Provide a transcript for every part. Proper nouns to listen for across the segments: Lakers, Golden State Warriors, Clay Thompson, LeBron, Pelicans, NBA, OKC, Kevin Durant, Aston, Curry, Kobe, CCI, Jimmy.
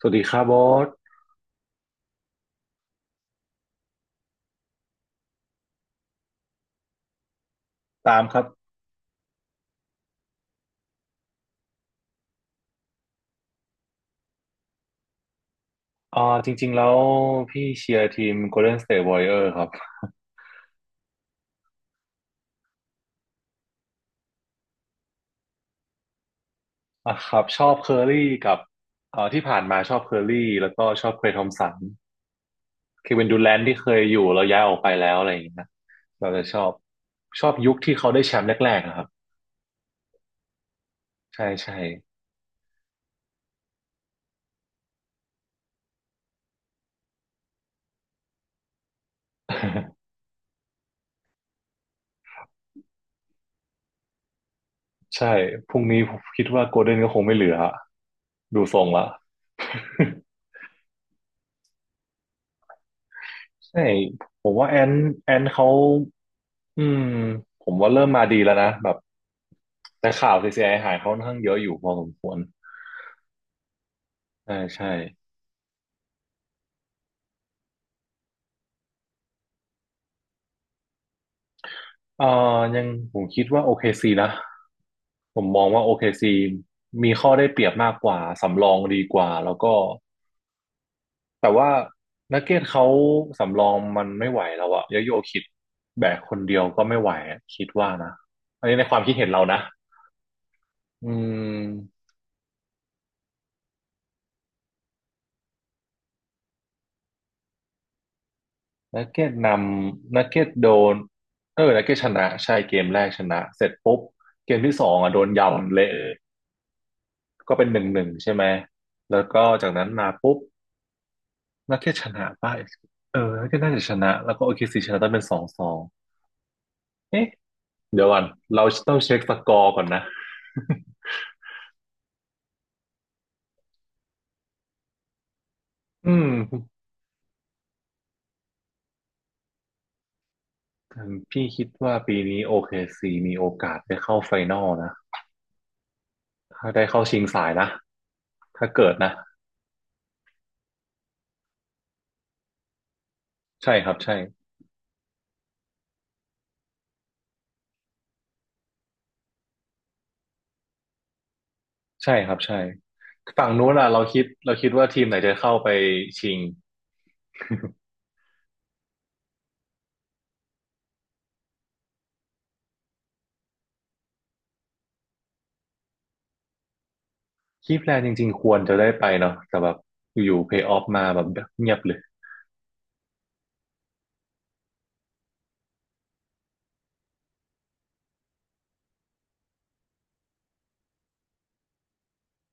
สวัสดีครับโบอสตามครับอ่าจริงๆแล้วพี่เชียร์ทีม Golden State Warrior ครับครับชอบเคอร์รี่กับที่ผ่านมาชอบเคอร์รี่แล้วก็ชอบเคลย์ทอมสันเควินดูแรนท์ที่เคยอยู่แล้วย้ายออกไปแล้วอะไรอย่างเงี้ยเราจะชอบชอบยุคที่เขาได้แชมป์แรกๆอะครับ ใช่ใช่ ใช่พรุ่งนี้ผมคิดว่าโกลเด้นก็คงไม่เหลือดูทรงละ ใช่ผมว่าแอนเขาอืมผมว่าเริ่มมาดีแล้วนะแบบ แต่ข่าว CCI หายค่อนข้างเยอะอยู่พอสมควร ใช่ใช่เอ่ยังผมคิดว่า OKC นะ ผมมองว่า OKC มีข้อได้เปรียบมากกว่า สำรองดีกว่า แล้วก็ แต่ว่านักเก็ตเขาสำรองมันไม่ไหวแล้วอะยาโยคิดแบกคนเดียวก็ไม่ไหวอะคิดว่านะ อันนี้ในความคิดเห็นเรานะอืมนักเก็ตนนักเก็ตโดนเออนักเก็ตชนะ ใช่เกมแรกชนะเสร็จปุ๊บเกมที่สองอ่ะโดนยาวเละ ก็เป็นหนึ่งหนึ่งใช่ไหม แล้วก็จากนั้นมาปุ๊บนักเก็ตชนะป่ะ เออนักเก็ตน่าจะชนะแล้วก็โอเคซีชนะต้องเป็นสองสองเอ๊ะเดี๋ยวก่อนเราต้องเช็คสกอร์ก่อนนะ อืมพี่คิดว่าปีนี้โอเคซีมีโอกาสได้เข้าไฟนอลนะ ถ้าได้เข้าชิงสายนะ ถ้าเกิดนะใช่ครับใช่ใช่ครับใช่ฝั่งนู้นอ่ะเราคิดว่าทีมไหนจะเข้าไปชิงคีแพลนจริงๆควรจะได้ไปเนาะแต่แบบอยู่เพลย์ออฟมาแบบเงียบเลย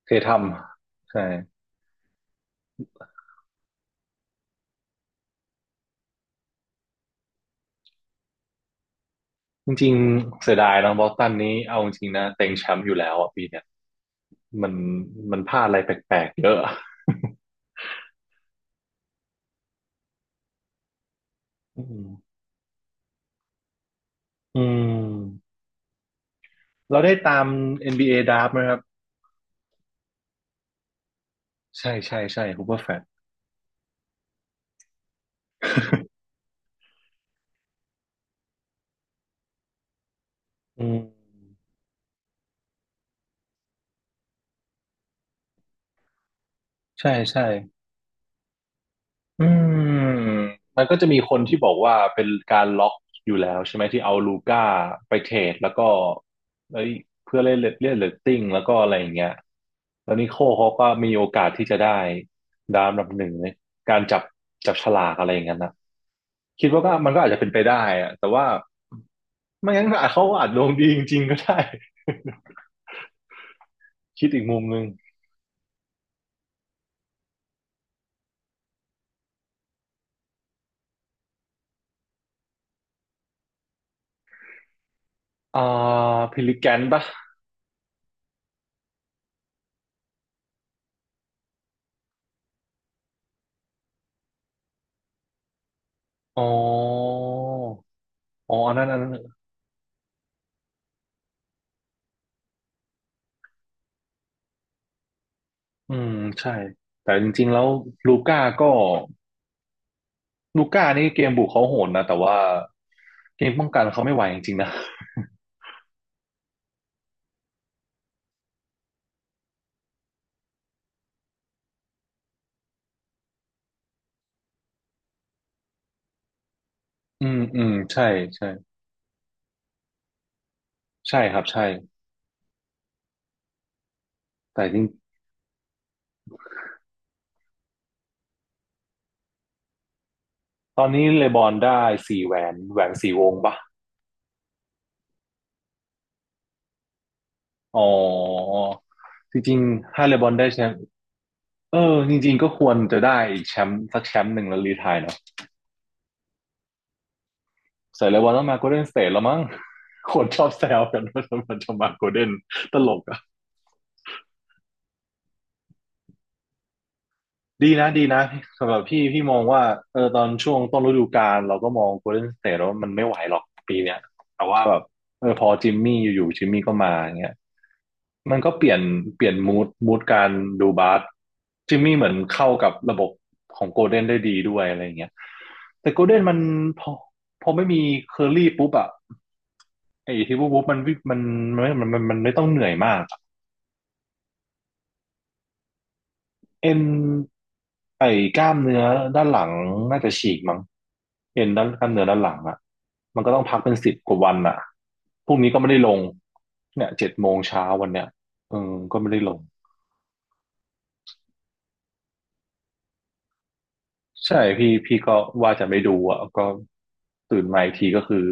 เคยทำใช่จริงๆเสียดายน้องบอสตันนี้เอาจริงๆนะเต็งแชมป์อยู่แล้วอะปีเนี้ยมันมันพลาดอะไรแปลกๆเยอะอะอืมอืมเราได้ตาม NBA ดราฟต์ไหมครับใช่ใช่ใช่ฮูเปอร์ แฟลตอืมใช่ใช่ อืมมันก็จะมีคนที่บอกว่าเป็นการล็อกอยู่แล้วใช่ไหมที่เอาลูก้าไปเทรดแล้วก็เอ้ยเพื่อเล่นเล่นเรตติ้งแล้วก็อะไรอย่างเงี้ยแล้วนิโคลเขาก็มีโอกาสที่จะได้ดาวอันดับหนึ่งในการจับจับฉลากอะไรอย่างเงี้ยนะคิดว่าก็มันก็อาจจะเป็นไปได้อะแต่ว่าไม่งั้นอาจเขาอาจดวงดีจริงๆก็ได้ คิดอีกมุมหนึ่งอ่าพิลิแกนปะอ๋ออันนั้น อืมใช่แต่จริงๆแล้วลูก้าก็ลูก้านี่เกมบุกเขาโหดนะแต่ว่าเกมป้องกันเขาไม่ไหวจริงๆนะอืมอืมใช่ใช่ใช่ครับใช่แต่จริงตอนนี้เลบอนได้สี่แหวนแหวนสี่วงปะอ๋อจริงๆถ้าเลบอนได้แชมป์เออจริงๆก็ควรจะได้อีกแชมป์สักแชมป์หนึ่งแล้วรีไทร์เนาะใส่เลบอนต้องมาโกลเด้นสเตทแล้วมั้งคนชอบแซวกันว่าทำไมจะมาโกลเด้นตลกอะ ดีนะดีนะสำหรับพี่มองว่าเออตอนช่วงต้นฤดูกาลเราก็มอง Golden State แล้ววามันไม่ไหวหรอกปีเนี้ยแต่ว่าแบบเออพอจิมมี่ก็มาอย่างเงี้ยมันก็เปลี่ยนมูดการดูบาสจิมมี่เหมือนเข้ากับระบบของโกลเด้นได้ดีด้วยอะไรอย่างเงี้ยแต่โกลเด้นมันพอพอไม่มีเคอร์ี่ปุ๊บอะไอ้ที่ปุ๊บมันวิ่งมันไม่ต้องเหนื่อยมาก เอ็นไอ้กล้ามเนื้อด้านหลังน่าจะฉีกมั้งเอ็นด้านกล้ามเนื้อด้านหลังอ่ะมันก็ต้องพักเป็นสิบกว่าวันอ่ะพรุ่งนี้ก็ไม่ได้ลงเนี่ยเจ็ดโมงเช้าวันเนี้ยเออก็ไม่ได้ลงใช่พี่ก็ว่าจะไม่ดูอ่ะก็ตื่นมาอีกทีก็คือ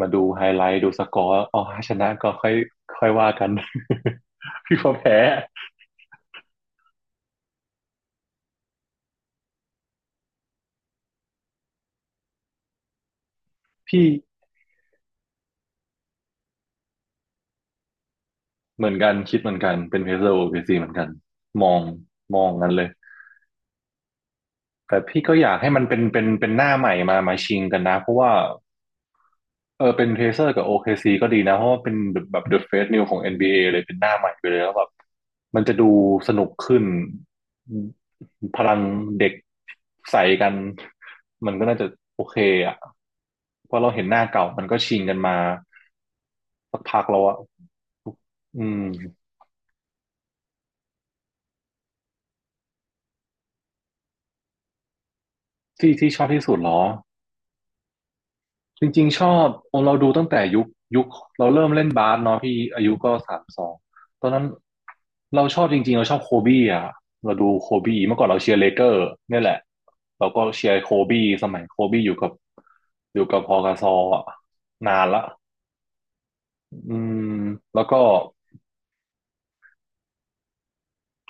มาดูไฮไลท์ดูสกอร์อ๋อชนะก็ค่อยค่อยว่ากัน พี่ก็แพ้พี่เหมือนกันคิดเหมือนกันเป็นเพเซอร์โอเปซีเหมือนกันมองกันเลย แต่พี่ก็อยากให้มันเป็นหน้าใหม่มาชิงกันนะเพราะว่าเออเป็นเ a เซอร์กับ OKC ก็ดีนะเพราะว่าเป็นแบบเดอะเฟสนิวของ NBA เลยเป็นหน้าใหม่ไปเลยแล้วแบบมันจะดูสนุกขึ้นพลังเด็กใส่กันมันก็น่าจะโอเคอ่ะเพราะเราเห็นหน้าเก่ามันก็ชิงกันมาสักพักแล้วอ่ะอืมที่ที่ชอบที่สุดเหรอ จริงๆชอบโอเราดูตั้งแต่ยุคเราเริ่มเล่นบาสเนาะพี่อายุก็สามสองตอนนั้นเราชอบโคบี้อ่ะเราดูโคบี้เมื่อก่อนเราเชียร์เลเกอร์เนี่ยแหละเราก็เชียร์โคบี้สมัยโคบี้อยู่กับพอกาซออะนานละอืมแล้วก็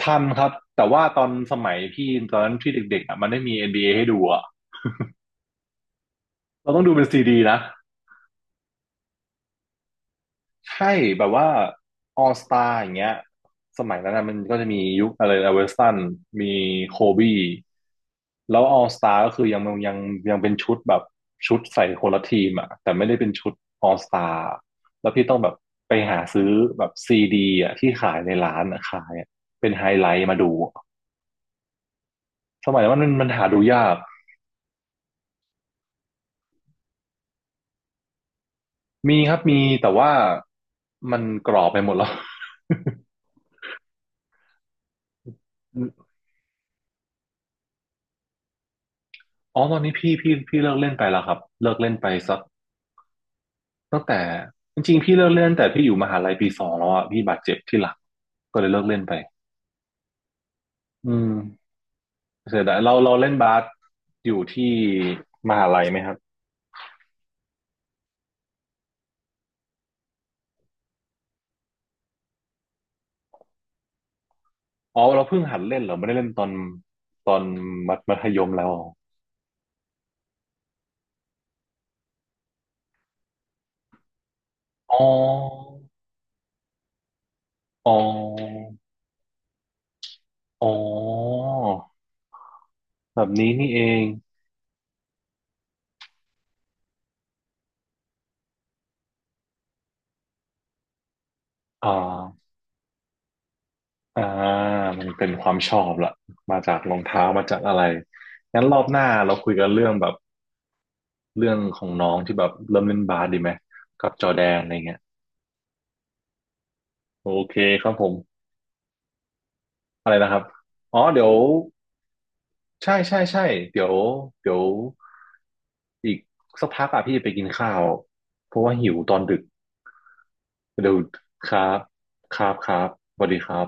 ทันครับแต่ว่าตอนสมัยพี่ตอนนั้นที่เด็กๆอ่ะมันไม่มี NBA ให้ดูอ่ะเราต้องดูเป็นซีดีนะ ใช่แบบว่าออสตาอย่างเงี้ยสมัยนั้นนะมันก็จะมียุคอะไรนะเวสตันมีโคบี้แล้วออสตาก็คือยังยังเป็นชุดแบบชุดใส่คนละทีมอ่ะแต่ไม่ได้เป็นชุดออสตาแล้วพี่ต้องแบบไปหาซื้อแบบซีดีอ่ะที่ขายในร้านอะขายอะเป็นไฮไลท์มาดูสมัยนั้นมันหาดูยากมีครับมีแต่ว่ามันกรอบไปหมดแล้ว อ๋อตอนนี้พี่เลิกเล่นไปแล้วครับเลิกเล่นไปสัก ตั้งแต่จริงๆพี่เลิกเล่นแต่พี่อยู่มหาลัยปีสองแล้วอ่ะพี่บาดเจ็บที่หลังก็เลยเลิกเล่นไปอืมเสียดายเราเล่นบาสอยู่ที่มหาลัยไหมครับอ๋อเราเพิ่งหัดเล่นเหรอไม่ได้เล่นตอนมัธยมแล้วอ๋ออ๋ออ๋อแบบนี้นี่เองอ่าอ่ามันเป็นความชอบละมาจากรองเท้ามาจากอะไรงั้นรอบหน้าเราคุยกันเรื่องแบบ เรื่องของน้องที่แบบเริ่มเล่นบาสดีไหมกับจอร์แดนอะไรเงี้ยโอเคครับผมอะไรนะครับอ๋อเดี๋ยวใช่ใช่ใช่เดี๋ยวเดี๋ยวอีกสักพักอ่ะพี่จะไปกินข้าวเพราะว่าหิวตอนดึกเดี๋ยวครับครับสวัสดีครับ